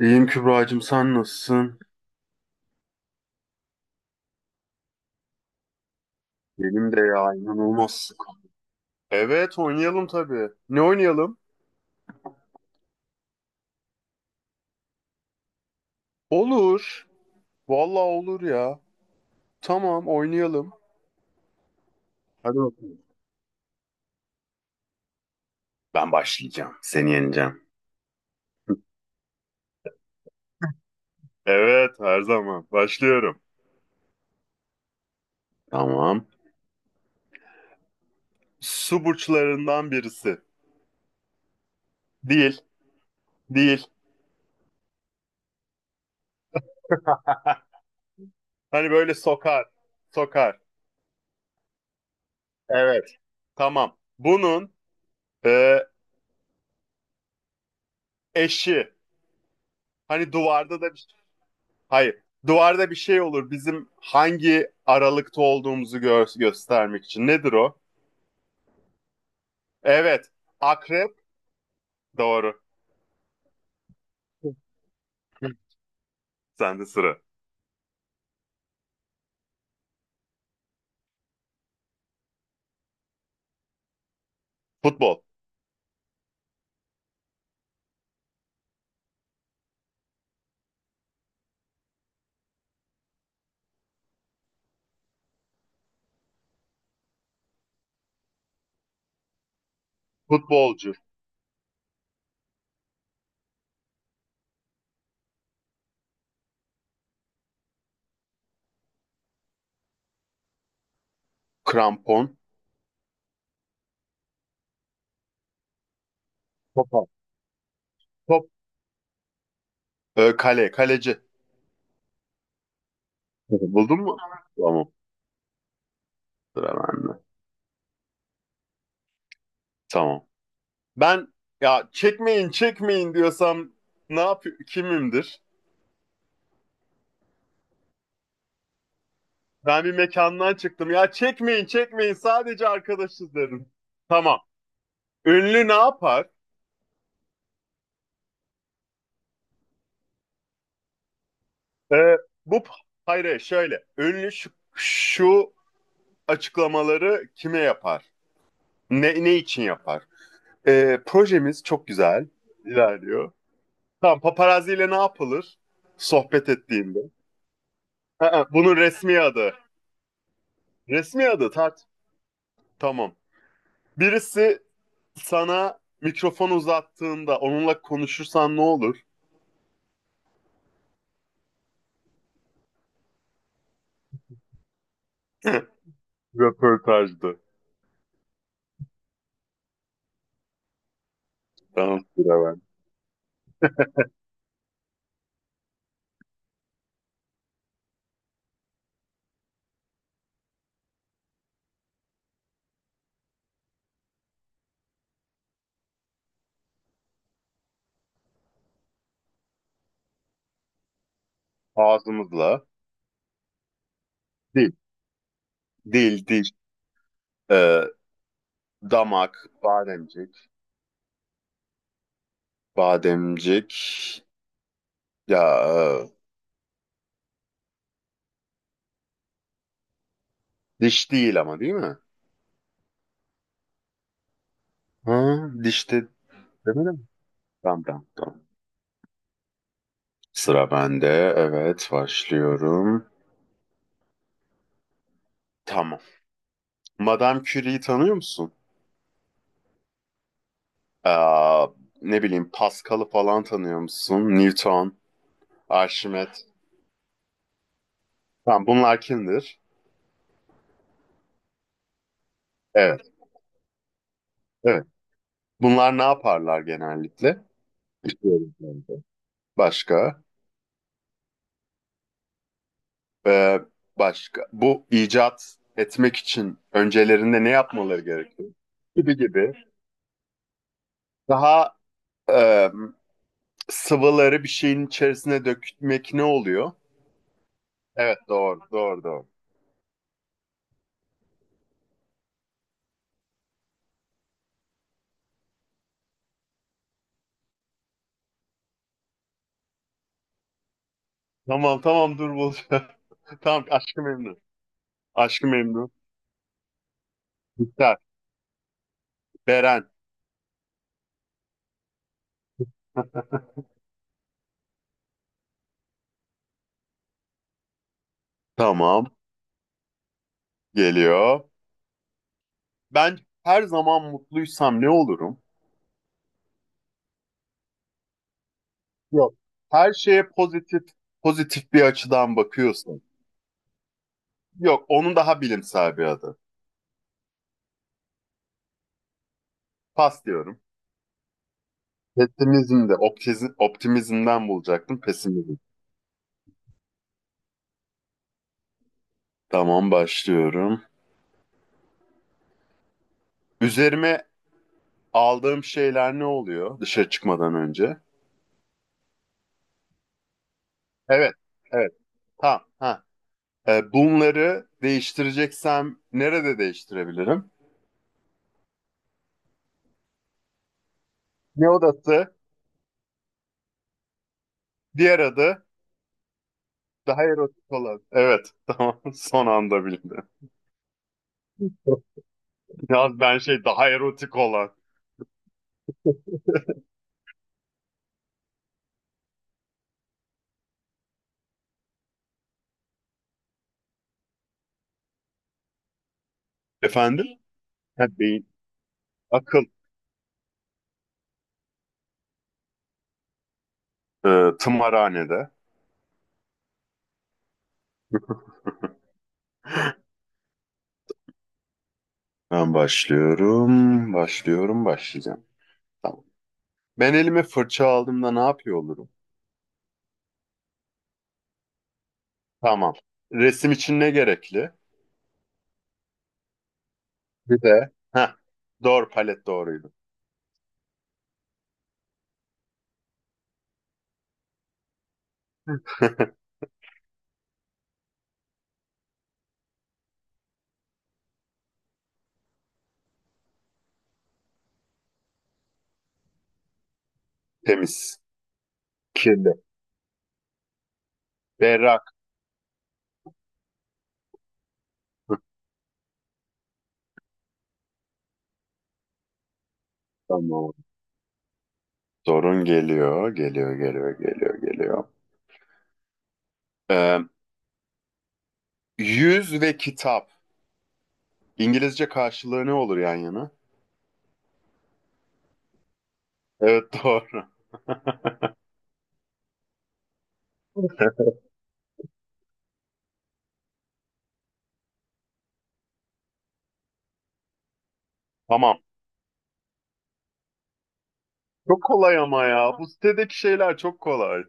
İyiyim Kübra'cığım, sen nasılsın? Benim de ya, inanılmaz. Evet, oynayalım tabii. Ne oynayalım? Olur. Vallahi olur ya. Tamam, oynayalım. Hadi bakalım. Ben başlayacağım. Seni yeneceğim. Evet, her zaman. Başlıyorum. Tamam. Su burçlarından birisi. Değil. Değil. Hani böyle sokar. Sokar. Evet. Tamam. Bunun e, eşi. Hani duvarda da bir Hayır. Duvarda bir şey olur. Bizim hangi aralıkta olduğumuzu göstermek için. Nedir o? Evet. Akrep. Doğru. Sende sıra. Futbol. Futbolcu. Krampon. Topa. Top. Kale. Kaleci. Buldun mu? Tamam. Sıra bende. Tamam. Ben, ya çekmeyin çekmeyin diyorsam ne yap kimimdir? Ben bir mekandan çıktım. Ya çekmeyin çekmeyin, sadece arkadaşız dedim. Tamam. Ünlü ne yapar? Ee, Bu hayır, şöyle ünlü şu açıklamaları kime yapar? Ne için yapar? Projemiz çok güzel ilerliyor. Tamam, paparazziyle ne yapılır? Sohbet ettiğimde. Aa, bunun resmi adı. Resmi adı tart. Tamam. Birisi sana mikrofon uzattığında onunla konuşursan ne olur? Röportajdı. Tamam, sıra ben. Ağzımızla. Dil. Dil, dil. Ee, Damak, bademcik. Bademcik. Ya diş değil ama, değil mi? Ha, dişte demedim mi? Tamam tamam tamam. Sıra bende. Evet, başlıyorum. Tamam. Madame Curie'yi tanıyor musun? Aa, ne bileyim, Pascal'ı falan tanıyor musun? Newton, Arşimet. Tamam, bunlar kimdir? Evet, evet. Bunlar ne yaparlar genellikle? İşte öyle bence. Başka? Ee, Başka, bu icat etmek için öncelerinde ne yapmaları gerekiyor? Gibi gibi. Daha e, sıvıları bir şeyin içerisine dökmek ne oluyor? Evet doğru doğru doğru. Tamam tamam dur bulacağım. Tamam, aşkı memnun. Aşkı memnun. Biter. Beren. Tamam, geliyor. Ben her zaman mutluysam ne olurum? Yok. Her şeye pozitif bir açıdan bakıyorsun. Yok, onun daha bilimsel bir adı. Pas diyorum. Pesimizm de optimizmden bulacaktım. Pesimizm. Tamam, başlıyorum. Üzerime aldığım şeyler ne oluyor dışarı çıkmadan önce? Evet, evet. Tamam. Ha. Bunları değiştireceksem nerede değiştirebilirim? Ne odası? Diğer adı daha erotik olan. Evet, tamam. Son anda bildim. Ya ben şey, daha erotik olan. Efendim? Ha, beyin. Akıl. Tımarhanede. Ben başlayacağım. Tamam. Ben elime fırça aldığımda ne yapıyor olurum? Tamam. Resim için ne gerekli? Bir de. Heh. Doğru, palet doğruydu. Temiz. Kirli. Berrak. Tamam. Sorun geliyor. Ee, Yüz ve kitap. İngilizce karşılığı ne olur yan yana? Evet doğru. Tamam. Çok kolay ama ya. Bu sitedeki şeyler çok kolay.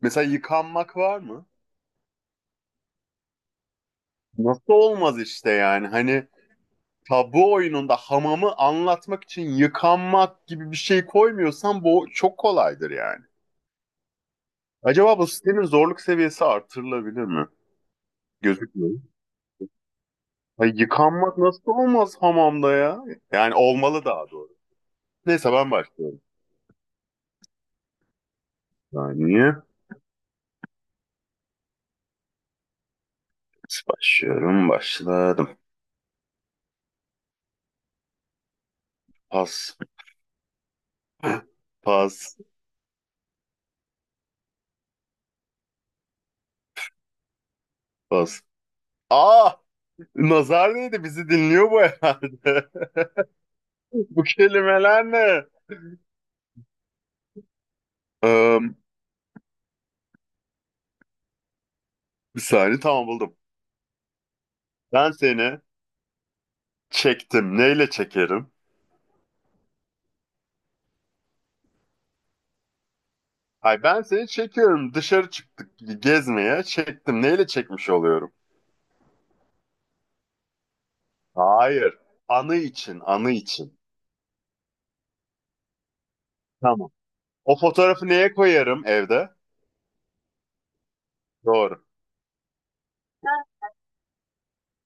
Mesela yıkanmak var mı? Nasıl olmaz işte, yani hani tabu oyununda hamamı anlatmak için yıkanmak gibi bir şey koymuyorsan bu çok kolaydır yani. Acaba bu sitenin zorluk seviyesi artırılabilir mi? Gözükmüyor. Ay, yıkanmak nasıl olmaz hamamda ya? Yani olmalı, daha doğru. Neyse ben başlıyorum. Saniye. Başladım. Pas. Pas. Pas. Aa! Nazar değdi, bizi dinliyor bu herhalde. Bu kelimeler ne? Eee Bir saniye, tamam buldum. Ben seni çektim. Neyle çekerim? Ay ben seni çekiyorum. Dışarı çıktık gezmeye. Çektim. Neyle çekmiş oluyorum? Hayır. Anı için. Tamam. O fotoğrafı neye koyarım evde? Doğru.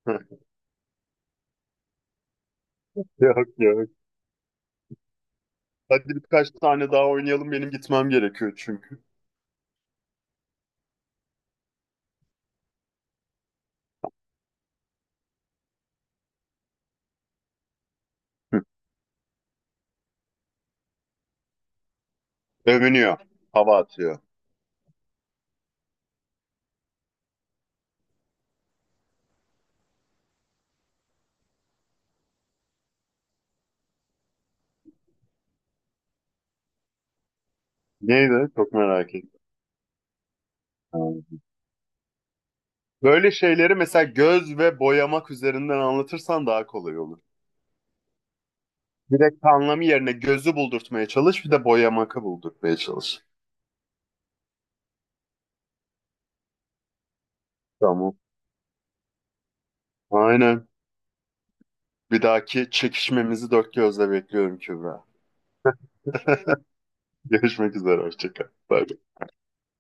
Yok yok. Hadi birkaç tane daha oynayalım. Benim gitmem gerekiyor çünkü. Övünüyor. Hava atıyor. Neydi? Çok merak ettim. Böyle şeyleri mesela göz ve boyamak üzerinden anlatırsan daha kolay olur. Direkt anlamı yerine gözü buldurtmaya çalış, bir de boya maka buldurtmaya çalış. Tamam. Aynen. Bir dahaki çekişmemizi dört gözle bekliyorum Kübra. Görüşmek üzere, hoşça kal. Bye.